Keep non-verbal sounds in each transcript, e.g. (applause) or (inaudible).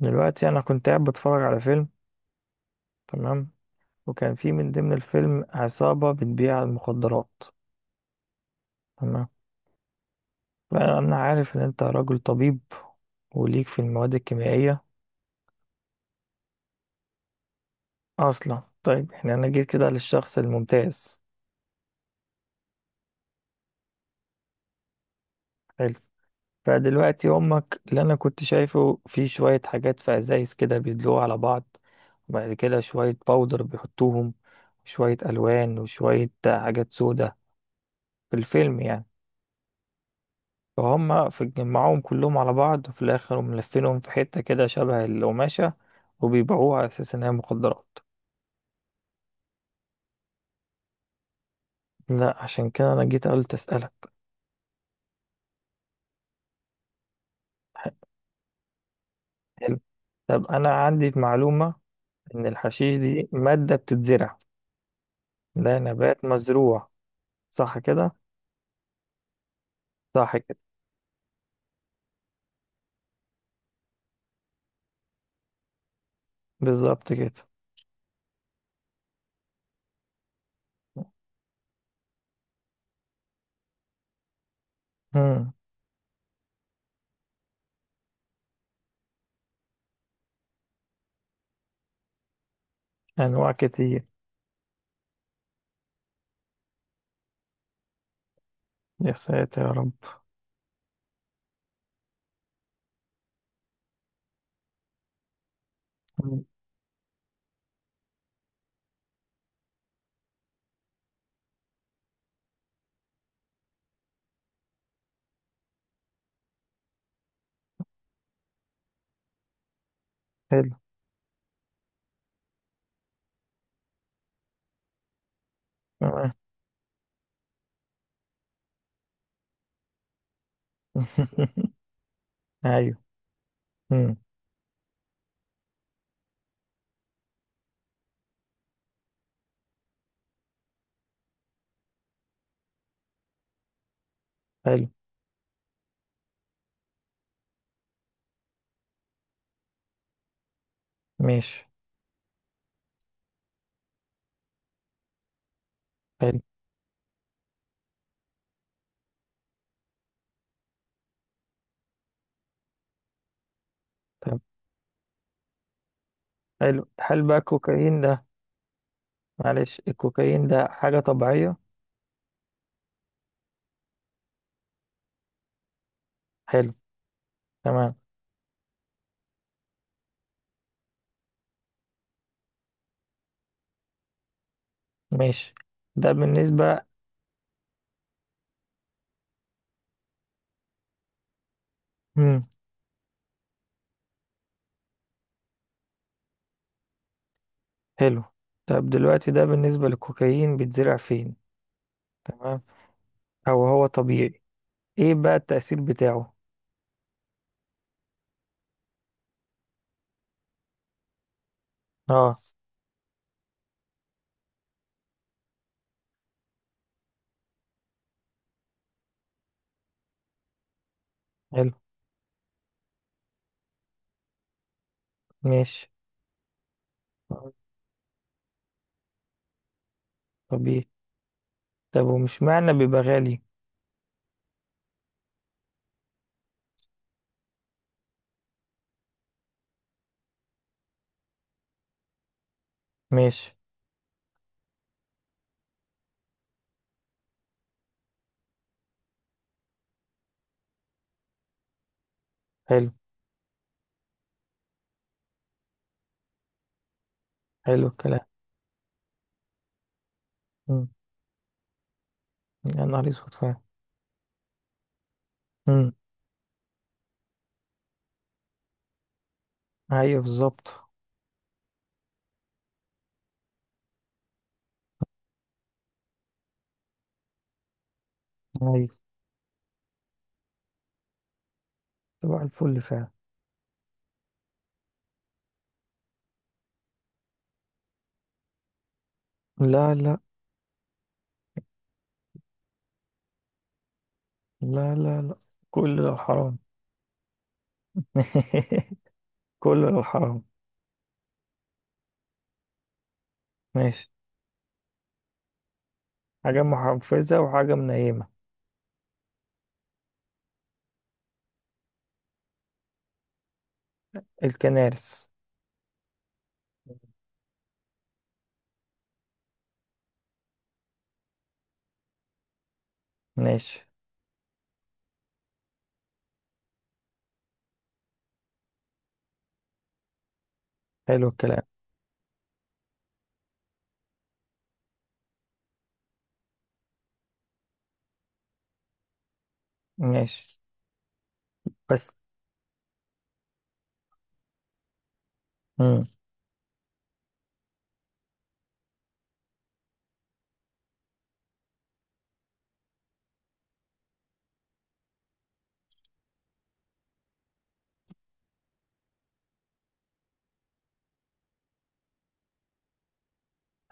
دلوقتي انا كنت قاعد بتفرج على فيلم. تمام. وكان في من ضمن الفيلم عصابة بتبيع المخدرات. تمام. فانا عارف ان انت راجل طبيب وليك في المواد الكيميائية. اصلا طيب احنا انا جيت كده للشخص الممتاز. حلو. فدلوقتي امك اللي انا كنت شايفه في شوية حاجات في ازايز كده بيدلوها على بعض. وبعد كده شوية باودر بيحطوهم. وشوية الوان وشوية حاجات سودة، في الفيلم يعني. فهم في جمعوهم كلهم على بعض وفي الآخر ملفينهم في حتة كده شبه القماشة، وبيبيعوها على أساس إن هي مخدرات. لا عشان كده أنا جيت قلت أسألك. (laughs) حلو. طب أنا عندي معلومة إن الحشيش دي مادة بتتزرع، ده نبات مزروع. صح كده؟ صح كده. بالظبط كده. مم. أنواع كتير. يا ساتر يا رب. مم. حلو. تمام. (laughs) أيوه. مم. حلو. ماشي. حلو. طب. حلو، هل بقى الكوكايين ده، معلش الكوكايين ده حاجة طبيعية؟ حلو. تمام. ماشي. ده بالنسبة، مم. حلو، طب دلوقتي ده بالنسبة للكوكايين، بيتزرع فين؟ تمام. أو هو طبيعي؟ ايه بقى التأثير بتاعه؟ اه. حلو. ماشي. طبيعي. طب ومش معنى بيبقى غالي؟ ماشي. حلو. حلو الكلام. مم. يا نهار اسود فعلا. مم. ايوه بالظبط. ايوه طبعا الفل فعلا. لا لا. لا لا لا. كله لو حرام. (laughs) كله لو حرام. ماشي. حاجة محفزة وحاجة منيمة. الكنارس. ماشي. حلو الكلام. ماشي. بس. مم.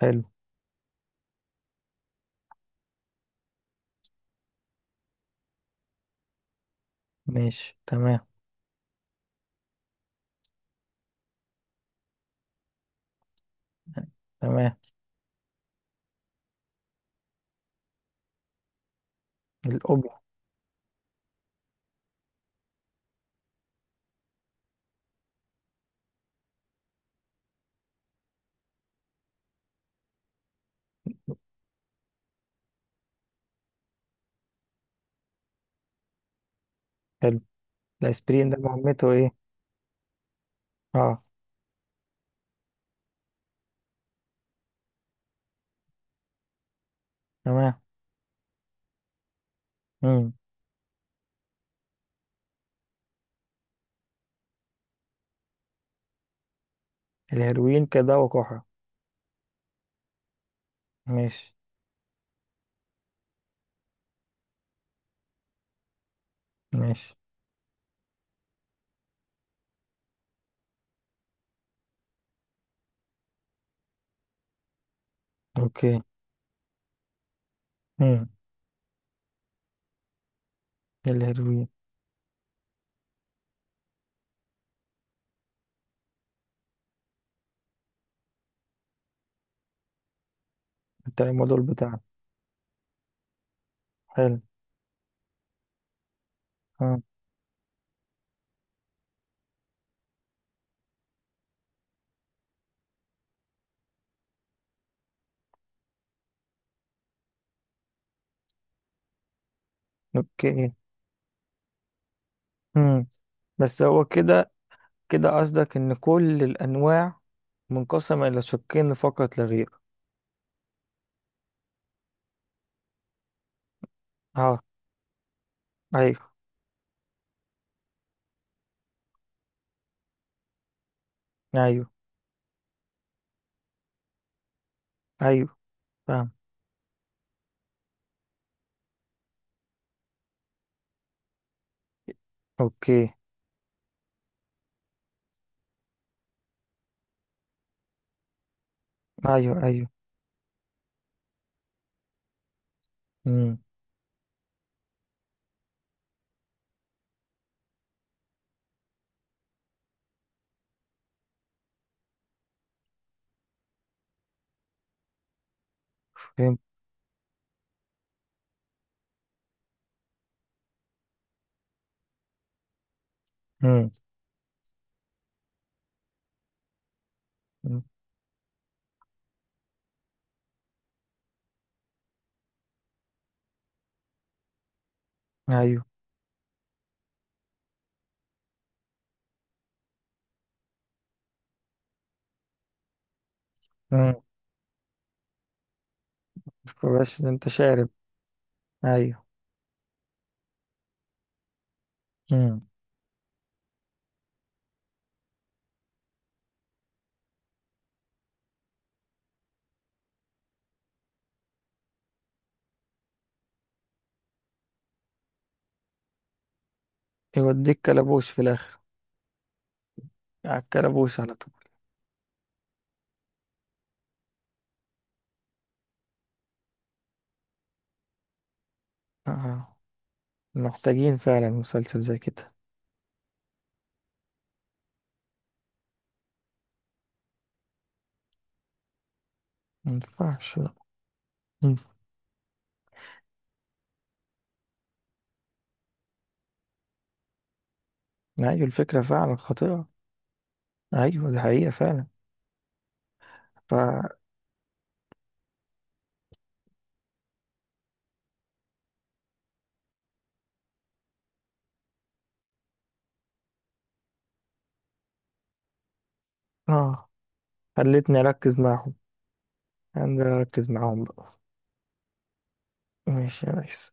حلو. ماشي تمام. تمام. الأوبيا. حلو. الأسبرين ده مهمته إيه؟ أه. تمام. مم. الهيروين كدواء كحة؟ ماشي. ماشي. أوكي. مم. الهيروين. بتاع الموديل بتاعنا. حلو. أه. أوكي. مم. بس هو كده؟ كده قصدك إن كل الأنواع منقسمة إلى شقين فقط لا غير؟ أه. أيوه. أيوه ايوه فاهم. اوكي. ايوه. امم. فهمت. امم. أمم. ايوه. امم. فبس انت شارب. ايوه. امم. يوديك كلبوش في الاخر. على الكلبوش على طول. آه. محتاجين فعلا مسلسل زي كده. ما ينفعش. أمم. ايوه الفكره فعلا خطيره. ايوه دي حقيقه فعلا. ف، اه خلتني اركز معاهم. انا اركز معاهم بقى. ماشي يا ريس.